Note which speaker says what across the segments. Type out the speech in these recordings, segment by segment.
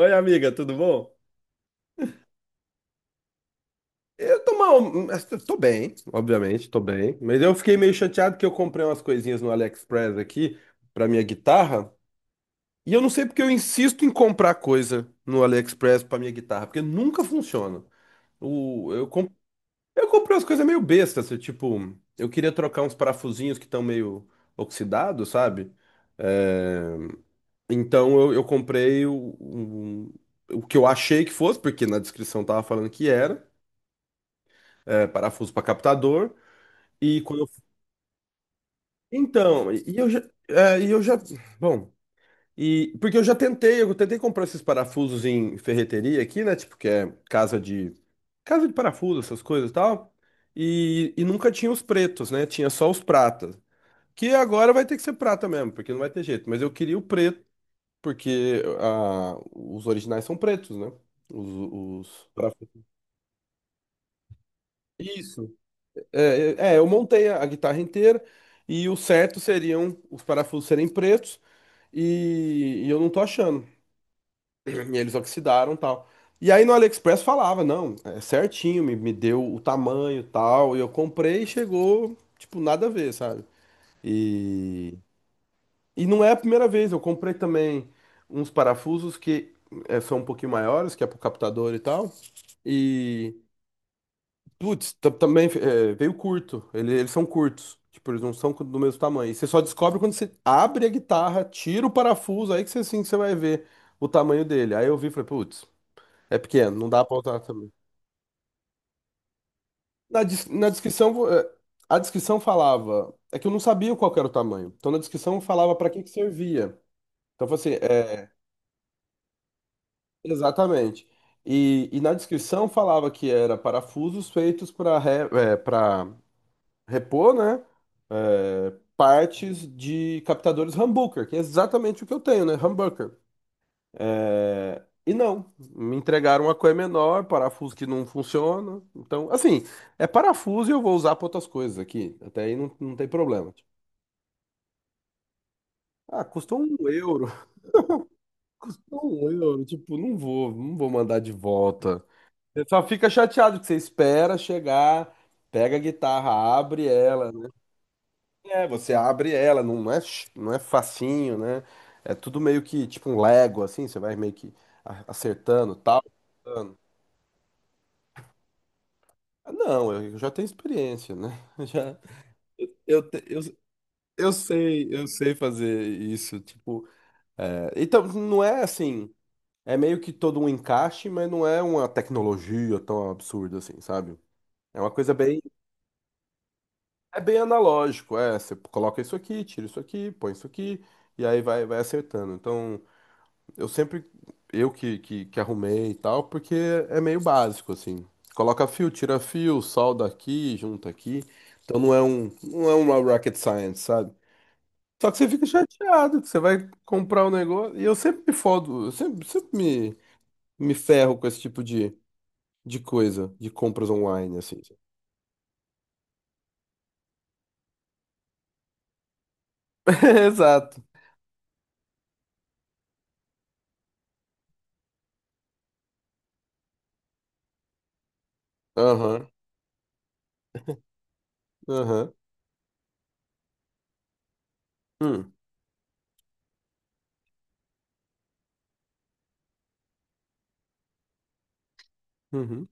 Speaker 1: Oi, amiga, tudo bom? Eu tô mal, mas eu tô bem, obviamente, tô bem. Mas eu fiquei meio chateado que eu comprei umas coisinhas no AliExpress aqui pra minha guitarra. E eu não sei porque eu insisto em comprar coisa no AliExpress pra minha guitarra, porque nunca funciona. O, eu, com- eu comprei umas coisas meio bestas, assim, tipo, eu queria trocar uns parafusinhos que estão meio oxidados, sabe? É, então eu comprei o, o que eu achei que fosse, porque na descrição tava falando que era. É, parafuso para captador. E quando eu... Então, e eu já, é, e eu já, bom, e porque eu já tentei, eu tentei comprar esses parafusos em ferreteria aqui, né? Tipo que é casa de parafuso, essas coisas e tal. E nunca tinha os pretos, né? Tinha só os pratas. Que agora vai ter que ser prata mesmo, porque não vai ter jeito. Mas eu queria o preto, porque ah, os originais são pretos, né? Os, os parafusos. Isso. Eu montei a guitarra inteira e o certo seriam os parafusos serem pretos e eu não tô achando. E eles oxidaram e tal. E aí no AliExpress falava, não, é certinho, me deu o tamanho e tal. E eu comprei e chegou, tipo, nada a ver, sabe? E, e não é a primeira vez, eu comprei também uns parafusos que é, são um pouquinho maiores, que é pro captador e tal. Putz, também é, veio curto. Eles são curtos. Tipo, eles não são do mesmo tamanho. E você só descobre quando você abre a guitarra, tira o parafuso, aí que você, assim, que você vai ver o tamanho dele. Aí eu vi e falei, putz, é pequeno, não dá pra usar também. Na descrição, a descrição falava. É que eu não sabia qual que era o tamanho. Então na descrição falava pra que que servia. Então eu falei assim, é, exatamente. E na descrição falava que era parafusos feitos para repor, né? É, partes de captadores humbucker, que é exatamente o que eu tenho, né? Humbucker. É, e não, me entregaram uma coisa menor, parafuso que não funciona. Então, assim, é parafuso e eu vou usar para outras coisas aqui. Até aí não, não tem problema. Tipo, ah, custou um euro. Um euro. Tipo, não vou mandar de volta. Você só fica chateado que você espera chegar, pega a guitarra, abre ela. É, você abre ela, não é, não é facinho, né? É tudo meio que tipo um Lego, assim, você vai meio que acertando, tal. Ah, não, eu já tenho experiência, né? Já, eu, te- eu, eu sei fazer isso, tipo. É, então, não é assim, é meio que todo um encaixe, mas não é uma tecnologia tão absurda assim, sabe? É uma coisa bem, é bem analógico, é, você coloca isso aqui, tira isso aqui, põe isso aqui, e aí vai, vai acertando. Então. Eu sempre, eu que arrumei e tal, porque é meio básico, assim. Coloca fio, tira fio, solda aqui, junta aqui. Então não é uma rocket science, sabe? Só que você fica chateado, que você vai comprar o negócio. E eu sempre me fodo, eu sempre, sempre me, me ferro com esse tipo de coisa, de compras online, assim. Exato. Aham, aham. Hum, uhum.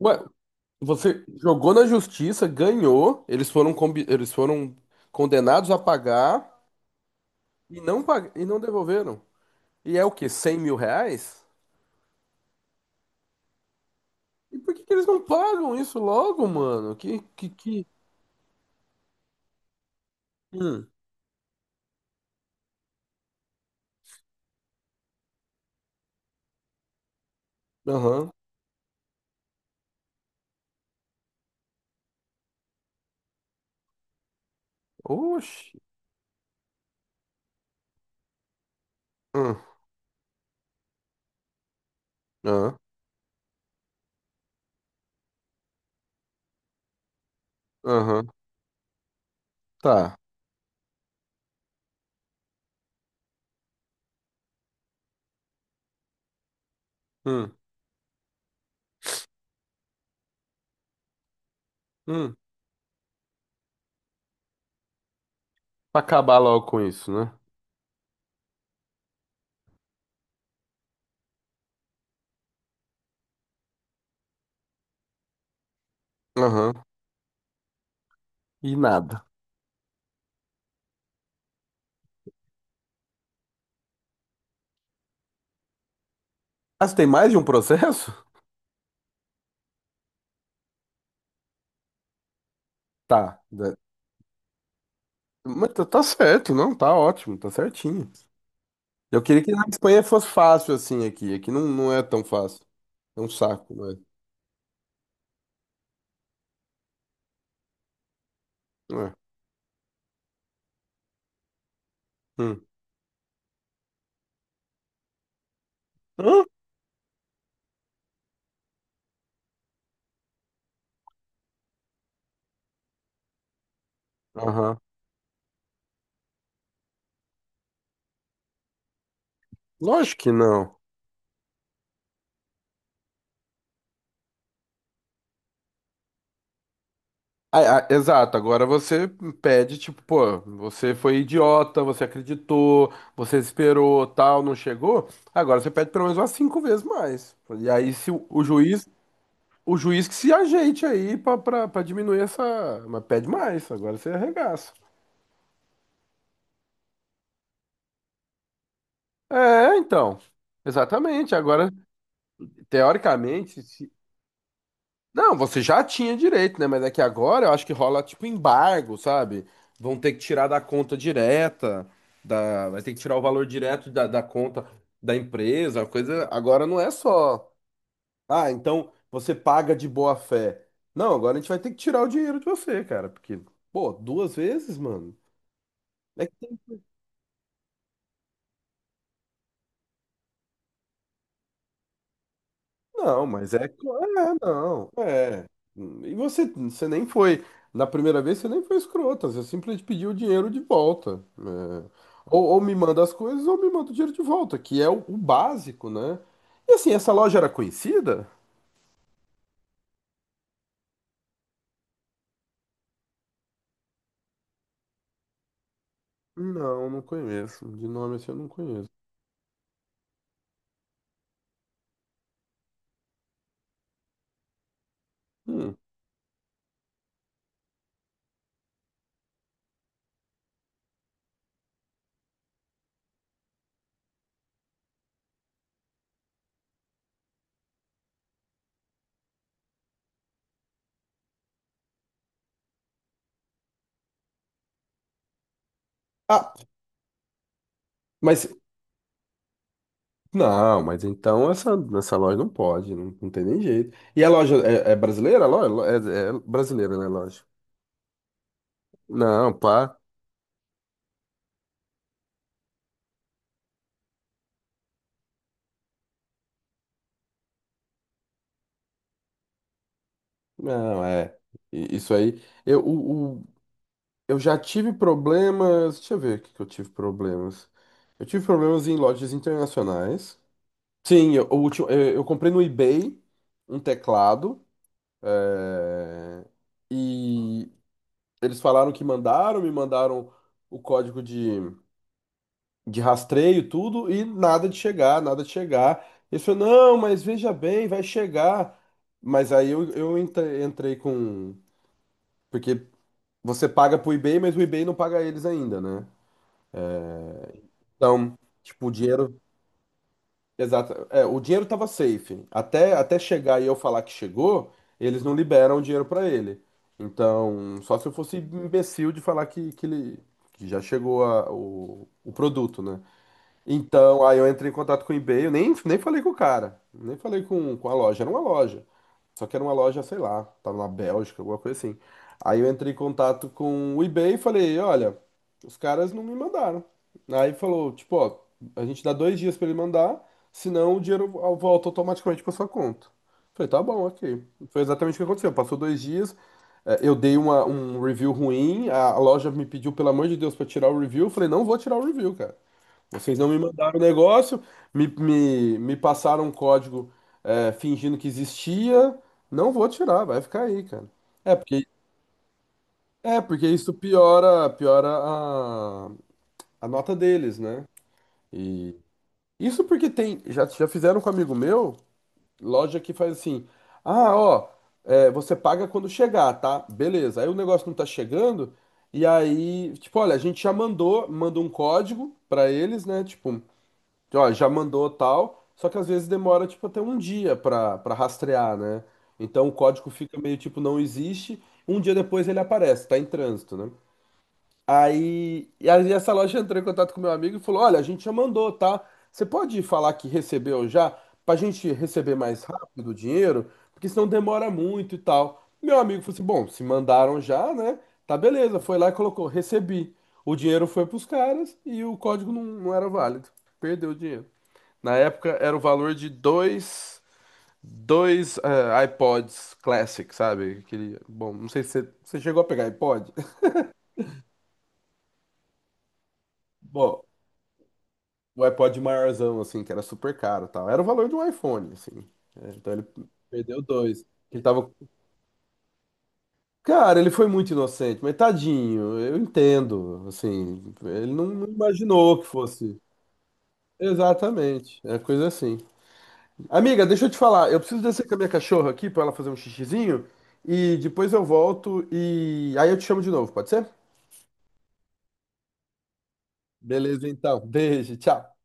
Speaker 1: Ué, você jogou na justiça, ganhou, eles foram, eles foram condenados a pagar e não, e não devolveram. E é o quê? R$ 100 mil? E por que que eles não pagam isso logo, mano? Hum, aham. Oxi. Hum, aham, aham, tá. Hum, hum. Pra acabar logo com isso, né? Aham. E nada. Ah, você tem mais de um processo? Tá. Da- Mas tá tá certo, não, tá ótimo, tá certinho. Eu queria que na Espanha fosse fácil assim aqui. Aqui não, não é tão fácil. É um saco, não é? Não é. Hum. Hã? Aham. Lógico que não. Ah, ah, exato, agora você pede, tipo, pô, você foi idiota, você acreditou, você esperou, tal, não chegou. Agora você pede pelo menos umas cinco vezes mais. E aí se o, o juiz que se ajeite aí pra, pra, pra diminuir essa. Mas pede mais, agora você arregaça. É, então. Exatamente. Agora, teoricamente, se não, você já tinha direito, né? Mas é que agora eu acho que rola tipo embargo, sabe? Vão ter que tirar da conta direta, da... vai ter que tirar o valor direto da, da conta da empresa. A coisa agora não é só, ah, então você paga de boa fé. Não, agora a gente vai ter que tirar o dinheiro de você, cara, porque, pô, duas vezes, mano. É que não, mas é, é, não, é. E você, você nem foi, na primeira vez você nem foi escrota, você simplesmente pediu o dinheiro de volta, né? Ou me manda as coisas ou me manda o dinheiro de volta, que é o básico, né? E assim, essa loja era conhecida? Não, não conheço. De nome assim eu não conheço. Hum. Ah, mas, não, mas então essa loja não pode, não, não tem nem jeito. E a loja é, é brasileira? A loja? É, é brasileira, né, a loja? Não, pá. Não, é. I- Isso aí. Eu, eu já tive problemas. Deixa eu ver o que que eu tive problemas. Eu tive problemas em lojas internacionais. Sim, eu, o último, eu comprei no eBay um teclado. É, e eles falaram que mandaram, me mandaram o código de rastreio, tudo, e nada de chegar, nada de chegar. Eles falaram, não, mas veja bem, vai chegar. Mas aí eu, entrei com. Porque você paga pro eBay, mas o eBay não paga eles ainda, né? Então, tipo, o dinheiro. Exato. É, o dinheiro tava safe. Até, até chegar e eu falar que chegou, eles não liberam o dinheiro pra ele. Então, só se eu fosse imbecil de falar que ele que já chegou o produto, né? Então, aí eu entrei em contato com o eBay, eu nem, nem falei com o cara, nem falei com a loja, era uma loja. Só que era uma loja, sei lá, tava na Bélgica, alguma coisa assim. Aí eu entrei em contato com o eBay e falei, olha, os caras não me mandaram. Aí falou, tipo, ó, a gente dá 2 dias pra ele mandar, senão o dinheiro volta automaticamente pra sua conta. Falei, tá bom, ok. Foi exatamente o que aconteceu. Passou 2 dias, eh, eu dei uma, um review ruim, a loja me pediu, pelo amor de Deus, pra tirar o review. Eu falei, não vou tirar o review, cara. Vocês não me mandaram o negócio, me passaram um código é, fingindo que existia. Não vou tirar, vai ficar aí, cara. É porque, é porque isso piora, piora a nota deles, né? Isso porque tem. Já, já fizeram com um amigo meu, loja que faz assim. Ah, ó, é, você paga quando chegar, tá? Beleza. Aí o negócio não tá chegando. E aí, tipo, olha, a gente já mandou, manda um código pra eles, né? Tipo. Ó, já mandou tal, só que às vezes demora tipo até um dia pra para rastrear, né? Então o código fica meio tipo não existe, um dia depois ele aparece, tá em trânsito, né? Aí, e aí essa loja entrou em contato com meu amigo e falou: "Olha, a gente já mandou, tá? Você pode falar que recebeu já pra gente receber mais rápido o dinheiro, porque senão demora muito e tal". Meu amigo falou assim: "Bom, se mandaram já, né? Tá beleza". Foi lá e colocou: "Recebi". O dinheiro foi pros caras e o código não, não era válido. Perdeu o dinheiro. Na época era o valor de dois eh, iPods Classic, sabe? Aquele, bom, não sei se você, você chegou a pegar iPod. Bom, o iPod maiorzão, assim, que era super caro e tal. Era o valor de um iPhone, assim. É, então ele perdeu dois. Ele tava... Cara, ele foi muito inocente, mas tadinho, eu entendo, assim. Ele não imaginou que fosse. Exatamente, é coisa assim. Amiga, deixa eu te falar. Eu preciso descer com a minha cachorra aqui pra ela fazer um xixizinho e depois eu volto e aí eu te chamo de novo, pode ser? Beleza, então. Beijo, tchau.